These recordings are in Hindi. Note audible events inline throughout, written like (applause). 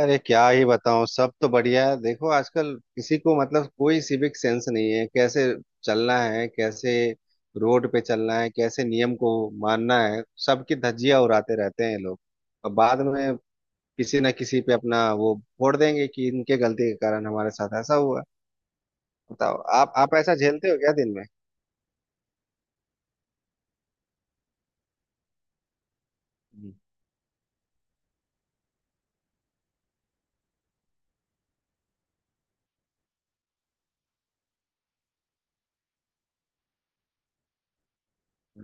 अरे क्या ही बताऊं। सब तो बढ़िया है। देखो, आजकल किसी को मतलब कोई सिविक सेंस नहीं है। कैसे चलना है, कैसे रोड पे चलना है, कैसे नियम को मानना है, सबकी धज्जियां उड़ाते रहते हैं ये लोग। और बाद में किसी ना किसी पे अपना वो फोड़ देंगे कि इनके गलती के कारण हमारे साथ ऐसा हुआ। बताओ, आप ऐसा झेलते हो क्या दिन में? हम्म।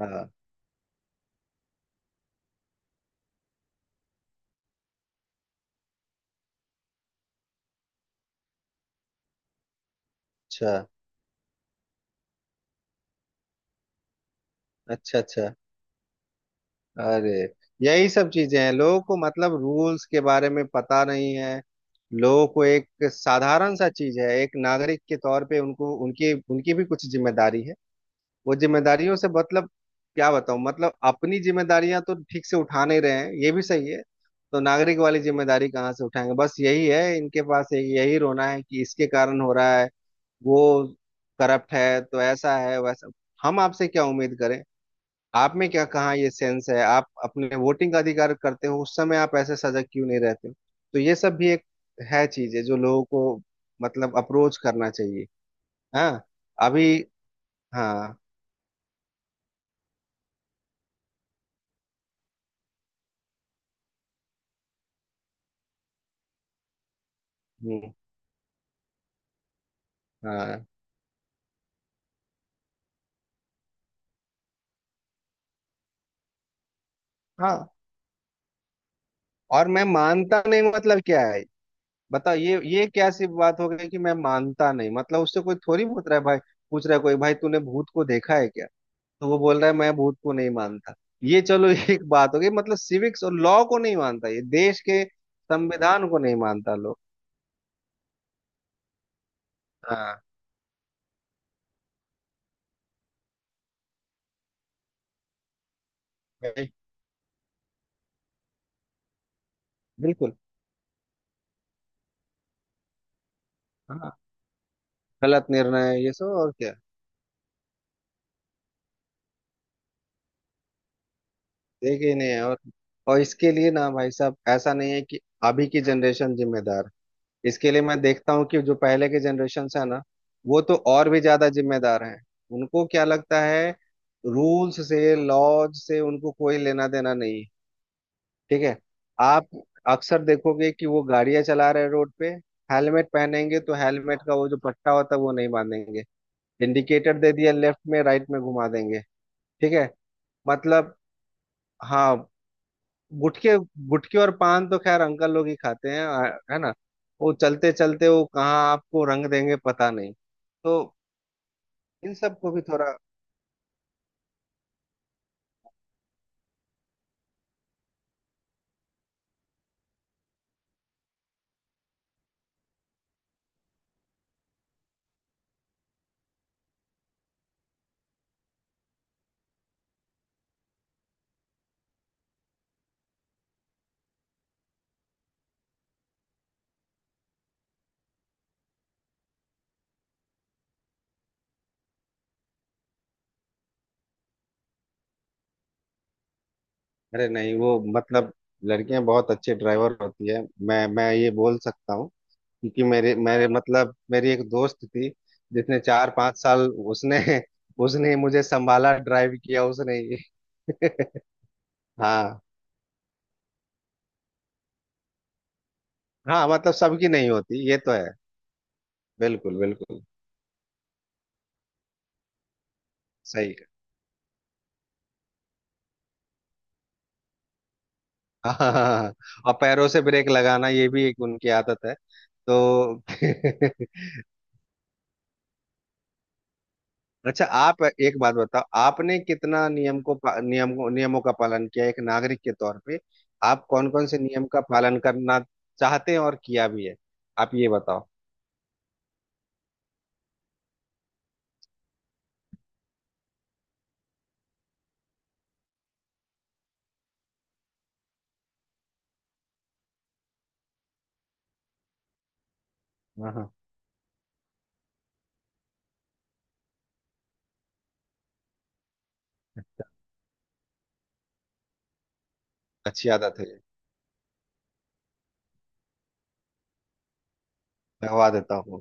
हाँ। अच्छा, अच्छा। अच्छा। अरे। यही सब चीजें हैं, लोगों को मतलब रूल्स के बारे में पता नहीं है। लोगों को एक साधारण सा चीज है, एक नागरिक के तौर पे उनको उनकी उनकी भी कुछ जिम्मेदारी है। वो जिम्मेदारियों से मतलब क्या बताऊं, मतलब अपनी जिम्मेदारियां तो ठीक से उठा नहीं रहे हैं, ये भी सही है। तो नागरिक वाली जिम्मेदारी कहाँ से उठाएंगे। बस यही है इनके पास, एक यही रोना है कि इसके कारण हो रहा है, वो करप्ट है, तो ऐसा है वैसा। हम आपसे क्या उम्मीद करें? आप में क्या, कहाँ ये सेंस है? आप अपने वोटिंग का अधिकार करते हो उस समय, आप ऐसे सजग क्यों नहीं रहते हो? तो ये सब भी एक है, चीज है जो लोगों को मतलब अप्रोच करना चाहिए। हाँ। अभी। हाँ। हम्म। हाँ। हाँ। और मैं मानता नहीं मतलब क्या है? बताओ, ये क्या सी बात हो गई कि मैं मानता नहीं? मतलब उससे कोई थोड़ी पूछ रहा है भाई। पूछ रहा है कोई भाई, तूने भूत को देखा है क्या? तो वो बोल रहा है मैं भूत को नहीं मानता। ये चलो (laughs) एक बात हो गई, मतलब सिविक्स और लॉ को नहीं मानता ये, देश के संविधान को नहीं मानता लोग। हाँ। भाई, बिल्कुल। हाँ, गलत निर्णय है ये सब, और क्या। देखे ही नहीं है, और इसके लिए ना भाई साहब, ऐसा नहीं है कि अभी की जनरेशन जिम्मेदार है। इसके लिए मैं देखता हूँ कि जो पहले के जनरेशन है ना, वो तो और भी ज्यादा जिम्मेदार हैं। उनको क्या लगता है, रूल्स से लॉज से उनको कोई लेना देना नहीं है। ठीक है। आप अक्सर देखोगे कि वो गाड़ियां चला रहे हैं रोड पे। हेलमेट पहनेंगे तो हेलमेट का वो जो पट्टा होता है वो नहीं बांधेंगे। इंडिकेटर दे दिया लेफ्ट में, राइट में घुमा देंगे। ठीक है। मतलब। हाँ। गुटखे गुटखे और पान तो खैर अंकल लोग ही खाते हैं है ना। वो चलते चलते वो कहाँ आपको रंग देंगे पता नहीं। तो इन सब को भी थोड़ा। अरे नहीं वो, मतलब लड़कियां बहुत अच्छे ड्राइवर होती है। मैं ये बोल सकता हूँ। क्योंकि मेरे मेरे मतलब मेरी एक दोस्त थी। जिसने 4-5 साल, उसने उसने ही मुझे संभाला, ड्राइव किया उसने ही। (laughs) हाँ हाँ, मतलब सबकी नहीं होती ये तो है। बिल्कुल बिल्कुल सही है। (laughs) हाँ हाँ हाँ हाँ। और पैरों से ब्रेक लगाना ये भी एक उनकी आदत है। तो (laughs) अच्छा, आप एक बात बताओ, आपने कितना नियम को पा- नियम नियमों का पालन किया एक नागरिक के तौर पे? आप कौन कौन से नियम का पालन करना चाहते हैं और किया भी है? आप ये बताओ। अच्छी आदत है ये। दबा देता हूँ।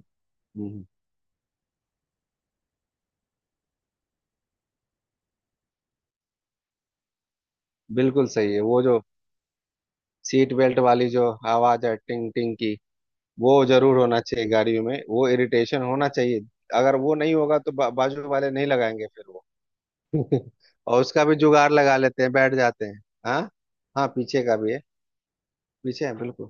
हम्म, बिल्कुल सही है वो जो सीट बेल्ट वाली जो आवाज है, टिंग टिंग की। वो जरूर होना चाहिए गाड़ियों में, वो इरिटेशन होना चाहिए। अगर वो नहीं होगा तो बाजू वाले नहीं लगाएंगे फिर वो। (laughs) और उसका भी जुगाड़ लगा लेते हैं, बैठ जाते हैं। हाँ। हाँ, पीछे का भी है, पीछे है बिल्कुल।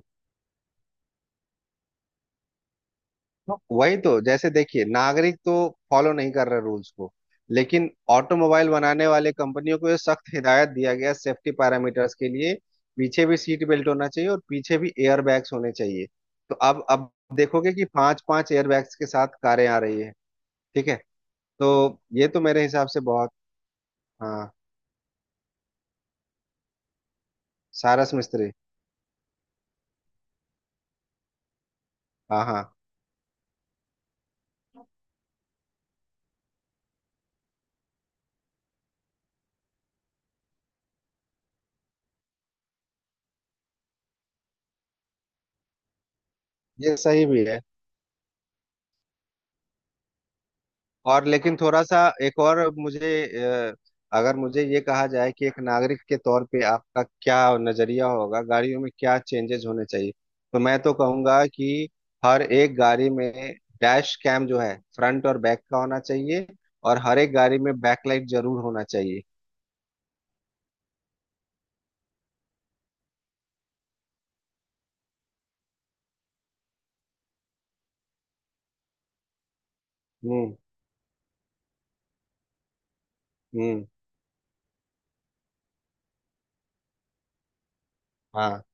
हाँ, वही तो। जैसे देखिए, नागरिक तो फॉलो नहीं कर रहे रूल्स को, लेकिन ऑटोमोबाइल बनाने वाले कंपनियों को ये सख्त हिदायत दिया गया सेफ्टी पैरामीटर्स के लिए। पीछे भी सीट बेल्ट होना चाहिए और पीछे भी एयर बैग्स होने चाहिए। तो अब देखोगे कि पांच पांच एयर बैग्स के साथ कारें आ रही है। ठीक है। तो ये तो मेरे हिसाब से बहुत। हाँ। सारस मिस्त्री। हाँ हाँ। ये सही भी है। और लेकिन थोड़ा सा, एक और मुझे अगर मुझे ये कहा जाए कि एक नागरिक के तौर पे आपका क्या नजरिया होगा, गाड़ियों में क्या चेंजेस होने चाहिए, तो मैं तो कहूंगा कि हर एक गाड़ी में डैश कैम जो है फ्रंट और बैक का होना चाहिए, और हर एक गाड़ी में बैकलाइट जरूर होना चाहिए। हम्म। हम्म। हाँ,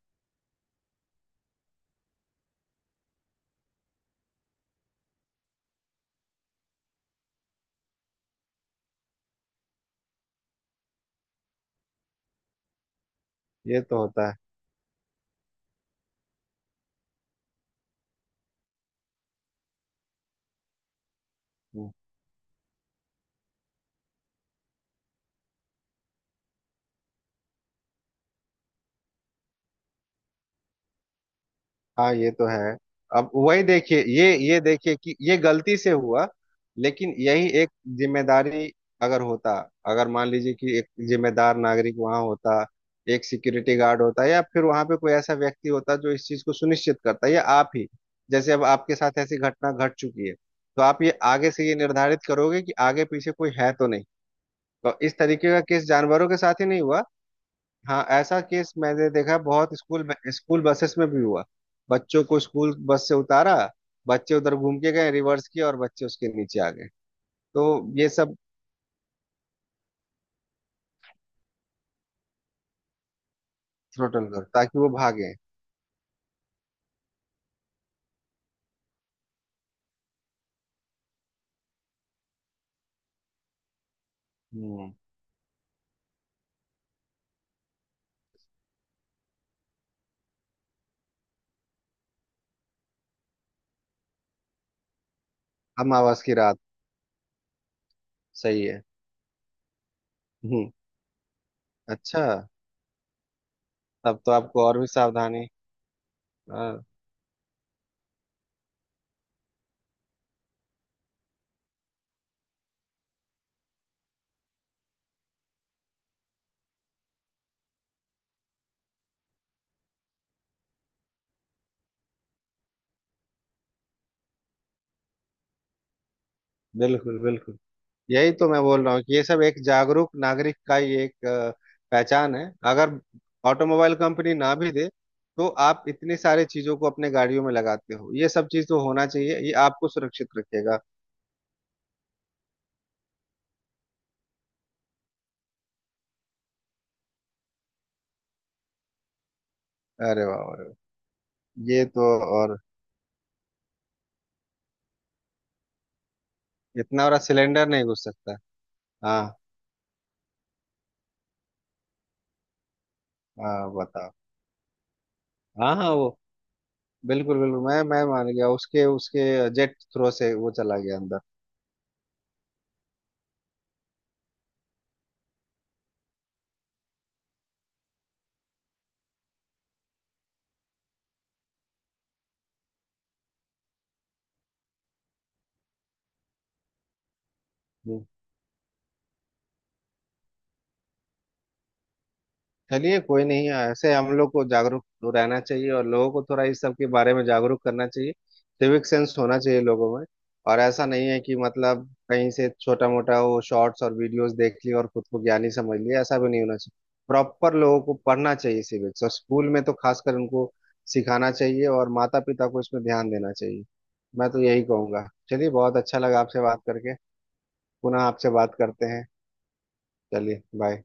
ये तो होता है। हम्म। हाँ, ये तो है। अब वही देखिए, ये देखिए कि ये गलती से हुआ। लेकिन यही एक जिम्मेदारी, अगर होता अगर मान लीजिए कि एक जिम्मेदार नागरिक वहां होता, एक सिक्योरिटी गार्ड होता या फिर वहां पे कोई ऐसा व्यक्ति होता जो इस चीज को सुनिश्चित करता, या आप ही। जैसे अब आपके साथ ऐसी घटना घट चुकी है, तो आप ये आगे से ये निर्धारित करोगे कि आगे पीछे कोई है तो नहीं। तो इस तरीके का केस जानवरों के साथ ही नहीं हुआ। हाँ, ऐसा केस मैंने देखा है, बहुत स्कूल में, स्कूल बसेस में भी हुआ। बच्चों को स्कूल बस से उतारा, बच्चे उधर घूम के गए, रिवर्स किए और बच्चे उसके नीचे आ गए। तो ये सब। थ्रोटल करो ताकि वो भागे। हम्म। अमावस की रात। सही है। हम्म। अच्छा। तब तो आपको और भी सावधानी। हाँ, बिल्कुल बिल्कुल। यही तो मैं बोल रहा हूँ कि ये सब एक जागरूक नागरिक का ही एक पहचान है। अगर ऑटोमोबाइल कंपनी ना भी दे, तो आप इतनी सारी चीजों को अपने गाड़ियों में लगाते हो, ये सब चीज तो होना चाहिए, ये आपको सुरक्षित रखेगा। अरे वाह, अरे वाह। ये तो। और इतना बड़ा सिलेंडर नहीं घुस सकता। हाँ हाँ, बताओ। हाँ हाँ, वो बिल्कुल बिल्कुल। मैं मान गया उसके उसके जेट थ्रो से वो चला गया अंदर। हम्म। चलिए, कोई नहीं। ऐसे हम लोग को जागरूक तो रहना चाहिए और लोगों को थोड़ा इस सब के बारे में जागरूक करना चाहिए। सिविक सेंस होना चाहिए लोगों में। और ऐसा नहीं है कि मतलब कहीं से छोटा मोटा वो शॉर्ट्स और वीडियोस देख लिए और खुद को ज्ञानी समझ लिए, ऐसा भी नहीं होना चाहिए। प्रॉपर लोगों को पढ़ना चाहिए सिविक्स, और स्कूल में तो खासकर उनको सिखाना चाहिए, और माता पिता को इसमें ध्यान देना चाहिए। मैं तो यही कहूंगा। चलिए, बहुत अच्छा लगा आपसे बात करके। पुनः आपसे बात करते हैं। चलिए, बाय।